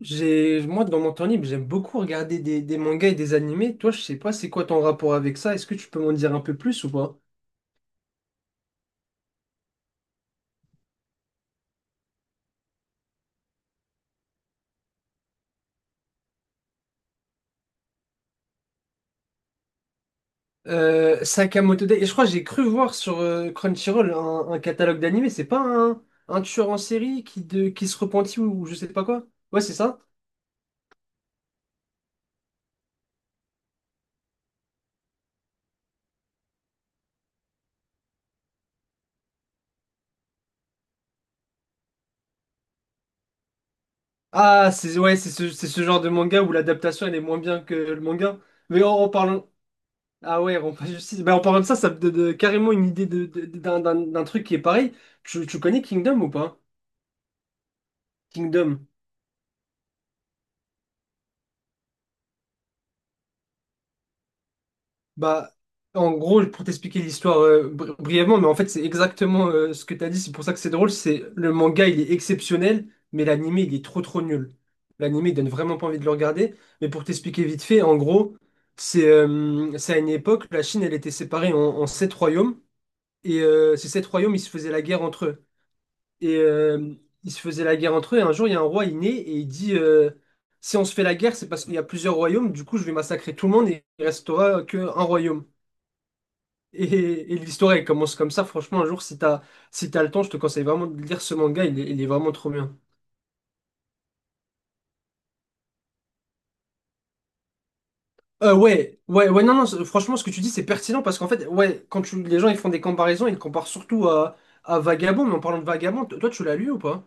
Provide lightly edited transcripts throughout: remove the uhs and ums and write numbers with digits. J'ai, moi, dans mon temps libre, j'aime beaucoup regarder des mangas et des animés. Toi, je sais pas, c'est quoi ton rapport avec ça? Est-ce que tu peux m'en dire un peu plus ou pas? Sakamoto Days. Et je crois que j'ai cru voir sur Crunchyroll un catalogue d'animés. C'est pas un tueur en série qui se repentit ou je sais pas quoi? Ouais, c'est ça? Ah, c'est ouais, c'est ce genre de manga où l'adaptation elle est moins bien que le manga. Mais en parlant. Ah ouais, en, justice. Ben, en parlant de ça, ça me donne carrément une idée d'un truc qui est pareil. Tu connais Kingdom ou pas? Kingdom. Bah, en gros, pour t'expliquer l'histoire brièvement, mais en fait, c'est exactement ce que t'as dit. C'est pour ça que c'est drôle. C'est le manga, il est exceptionnel, mais l'anime il est trop trop nul. L'anime il donne vraiment pas envie de le regarder. Mais pour t'expliquer vite fait, en gros, c'est à une époque, la Chine, elle était séparée en sept royaumes, et ces sept royaumes, ils se faisaient la guerre entre eux. Et ils se faisaient la guerre entre eux. Et un jour, il y a un roi, il naît et il dit: si on se fait la guerre, c'est parce qu'il y a plusieurs royaumes, du coup je vais massacrer tout le monde et il restera qu'un royaume. Et, et l'histoire, elle commence comme ça. Franchement, un jour, si t'as le temps, je te conseille vraiment de lire ce manga. Il est vraiment trop bien. Ouais, ouais, ouais, non, non, C'est franchement, ce que tu dis, c'est pertinent parce qu'en fait, ouais, les gens ils font des comparaisons, ils comparent surtout à Vagabond. Mais en parlant de Vagabond, toi, tu l'as lu ou pas?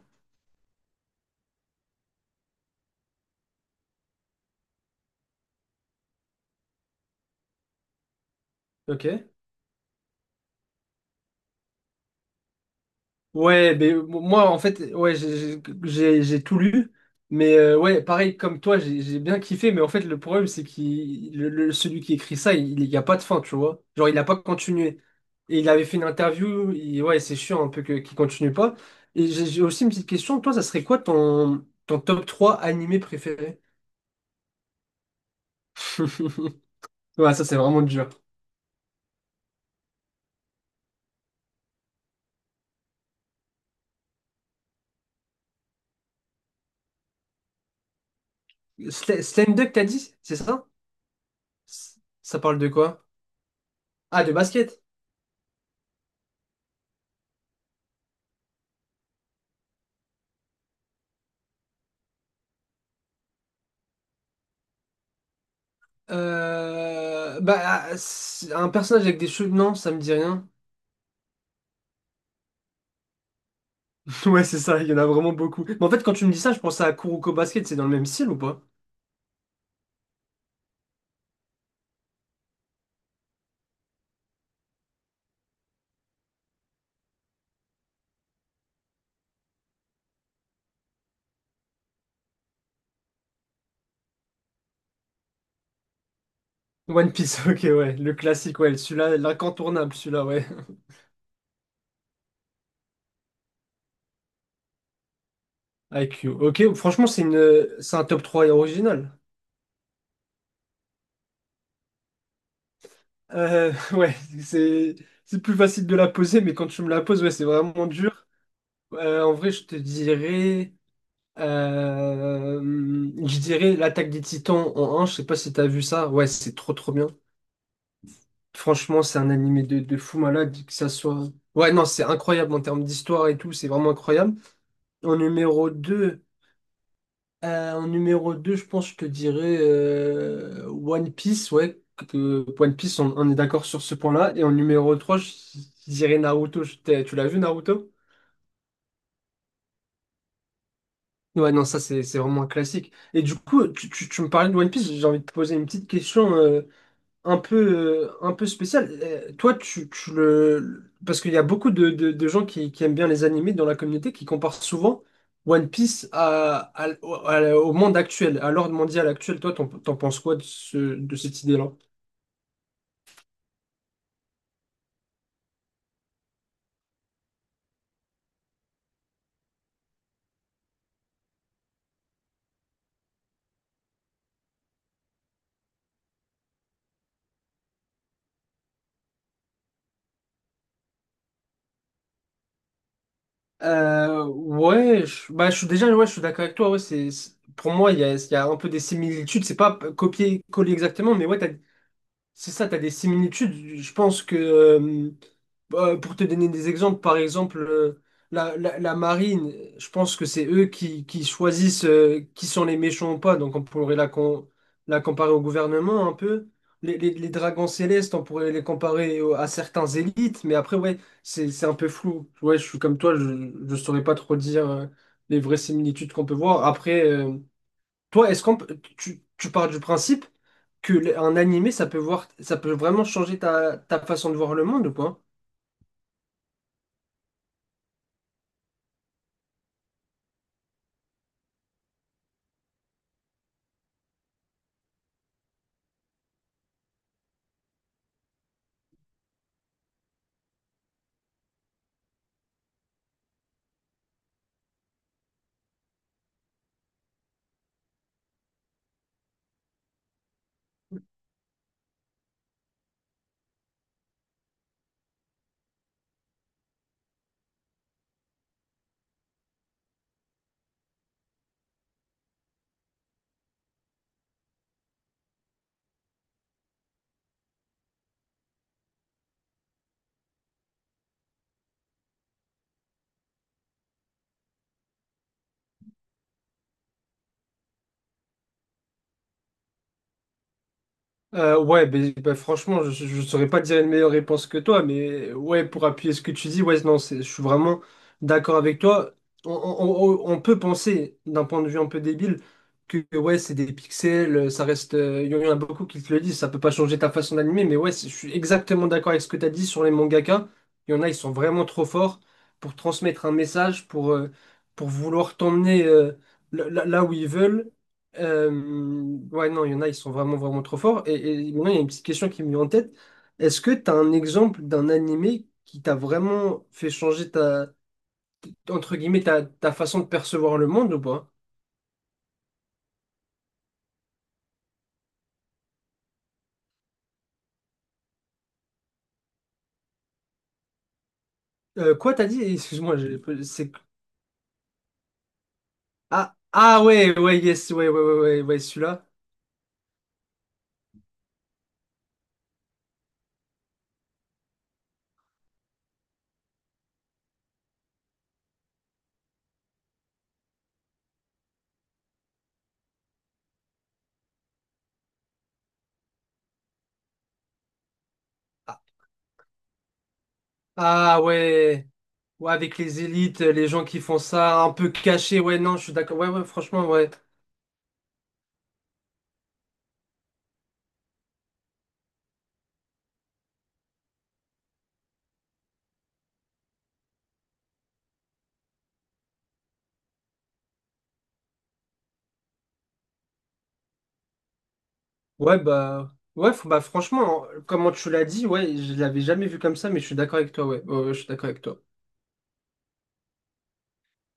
Ok. Ouais, mais moi, en fait, ouais, j'ai tout lu. Mais ouais, pareil, comme toi, j'ai bien kiffé. Mais en fait, le problème, c'est que celui qui écrit ça, il n'y a pas de fin, tu vois. Genre, il n'a pas continué. Et il avait fait une interview, ouais, c'est chiant un peu qu'il continue pas. Et j'ai aussi une petite question, toi, ça serait quoi ton top 3 animé préféré? Ouais, ça c'est vraiment dur. Slam Dunk, t'as dit? C'est ça? S- ça parle de quoi? Ah, de basket. Ah, c'est un personnage avec des cheveux, non, ça me dit rien. Ouais, c'est ça, il y en a vraiment beaucoup. Mais en fait, quand tu me dis ça, je pense à Kuroko Basket, c'est dans le même style ou pas? One Piece, ok, ouais, le classique, ouais, celui-là, l'incontournable, celui-là, ouais. IQ. Ok, franchement, c'est un top 3 original. Ouais, c'est c'est plus facile de la poser, mais quand tu me la poses, ouais, c'est vraiment dur. En vrai, je te dirais, euh, je dirais l'attaque des Titans en un. Je sais pas si t'as vu ça. Ouais, c'est trop trop bien. Franchement, c'est un animé de fou malade, que ça soit. Ouais, non, c'est incroyable en termes d'histoire et tout. C'est vraiment incroyable. En numéro 2. En numéro 2, je pense que je te dirais One Piece, ouais. One Piece, on est d'accord sur ce point-là. Et en numéro 3, je dirais Naruto. Tu l'as vu, Naruto? Ouais, non, ça, c'est vraiment un classique. Et du coup, tu me parlais de One Piece, j'ai envie de te poser une petite question. Un peu, un peu spécial. Toi, tu le... Parce qu'il y a beaucoup de gens qui aiment bien les animés dans la communauté qui comparent souvent One Piece au monde actuel, à l'ordre mondial actuel. Toi, t'en penses quoi de cette idée-là? Je suis déjà ouais, je suis d'accord avec toi. Ouais, pour moi, il y a un peu des similitudes. C'est pas copier-coller exactement, mais ouais, t'as, c'est ça, tu as des similitudes. Je pense que, bah, pour te donner des exemples, par exemple, la marine, je pense que c'est eux qui choisissent qui sont les méchants ou pas. Donc on pourrait la comparer au gouvernement un peu. Les dragons célestes, on pourrait les comparer à certains élites. Mais après, ouais, c'est un peu flou. Ouais, je suis comme toi, je ne saurais pas trop dire les vraies similitudes qu'on peut voir. Après, toi, est-ce qu'on peut- tu pars du principe que un animé, ça peut vraiment changer ta, ta façon de voir le monde ou pas? Franchement, je ne saurais pas dire une meilleure réponse que toi, mais ouais, pour appuyer ce que tu dis, ouais, non, je suis vraiment d'accord avec toi. On peut penser, d'un point de vue un peu débile, que, ouais, c'est des pixels, ça reste. Il y en a beaucoup qui te le disent, ça peut pas changer ta façon d'animer, mais ouais, je suis exactement d'accord avec ce que tu as dit sur les mangaka. Il y en a, ils sont vraiment trop forts pour transmettre un message, pour vouloir t'emmener là où ils veulent. Euh, ouais, non, il y en a, ils sont vraiment, vraiment trop forts. Et maintenant, il y a une petite question qui me vient en tête. Est-ce que tu as un exemple d'un animé qui t'a vraiment fait changer entre guillemets, ta façon de percevoir le monde ou pas? Quoi t'as dit? Excuse-moi, j'ai- c'est ah, ah ouais, ouais, yes, ouais, ouais, ouais, ouais, ouais, celui-là. Ah, ah, ouais, ouais, avec les élites, les gens qui font ça un peu caché, ouais, non, je suis d'accord, ouais, ouais, franchement, ouais. Ouais, bah, ouais, franchement, hein, comment tu l'as dit, ouais, je l'avais jamais vu comme ça, mais je suis d'accord avec toi, ouais, Ouais, ouais, je suis d'accord avec toi.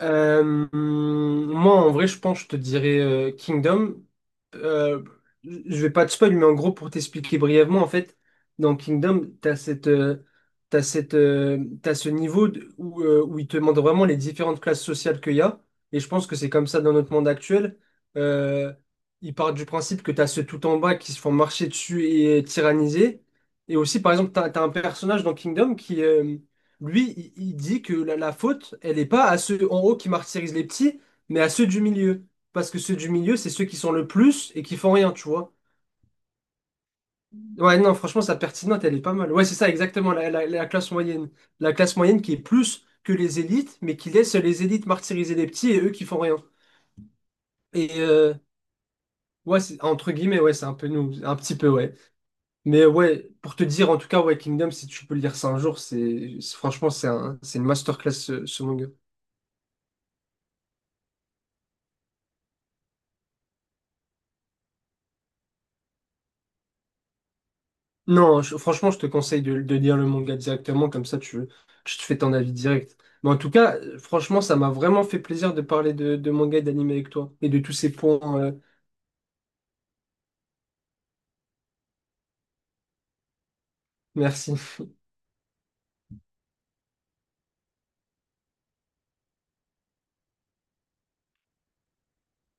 Euh, Moi, en vrai, je pense, je te dirais Kingdom. Euh, je vais pas te spoil, mais en gros, pour t'expliquer brièvement, en fait, dans Kingdom, t'as ce où il te montre vraiment les différentes classes sociales qu'il y a. Et je pense que c'est comme ça dans notre monde actuel. Euh, il part du principe que t'as ceux tout en bas qui se font marcher dessus et tyranniser. Et aussi, par exemple, t'as un personnage dans Kingdom qui, il dit que la faute, elle n'est pas à ceux en haut qui martyrisent les petits, mais à ceux du milieu. Parce que ceux du milieu, c'est ceux qui sont le plus et qui font rien, tu vois. Ouais, non, franchement, sa pertinente, elle est pas mal. Ouais, c'est ça, exactement, la classe moyenne. La classe moyenne qui est plus que les élites, mais qui laisse les élites martyriser les petits et eux qui font rien. Et euh, ouais, c'est entre guillemets, ouais, c'est un peu nous, un petit peu, ouais. Mais ouais, pour te dire, en tout cas, ouais, Kingdom, si tu peux lire ça un jour, franchement, c'est une masterclass, ce manga. Non, je- Franchement, je te conseille de lire le manga directement, comme ça tu, tu te fais ton avis direct. Mais en tout cas, franchement, ça m'a vraiment fait plaisir de parler de manga et d'anime avec toi et de tous ces points. Merci.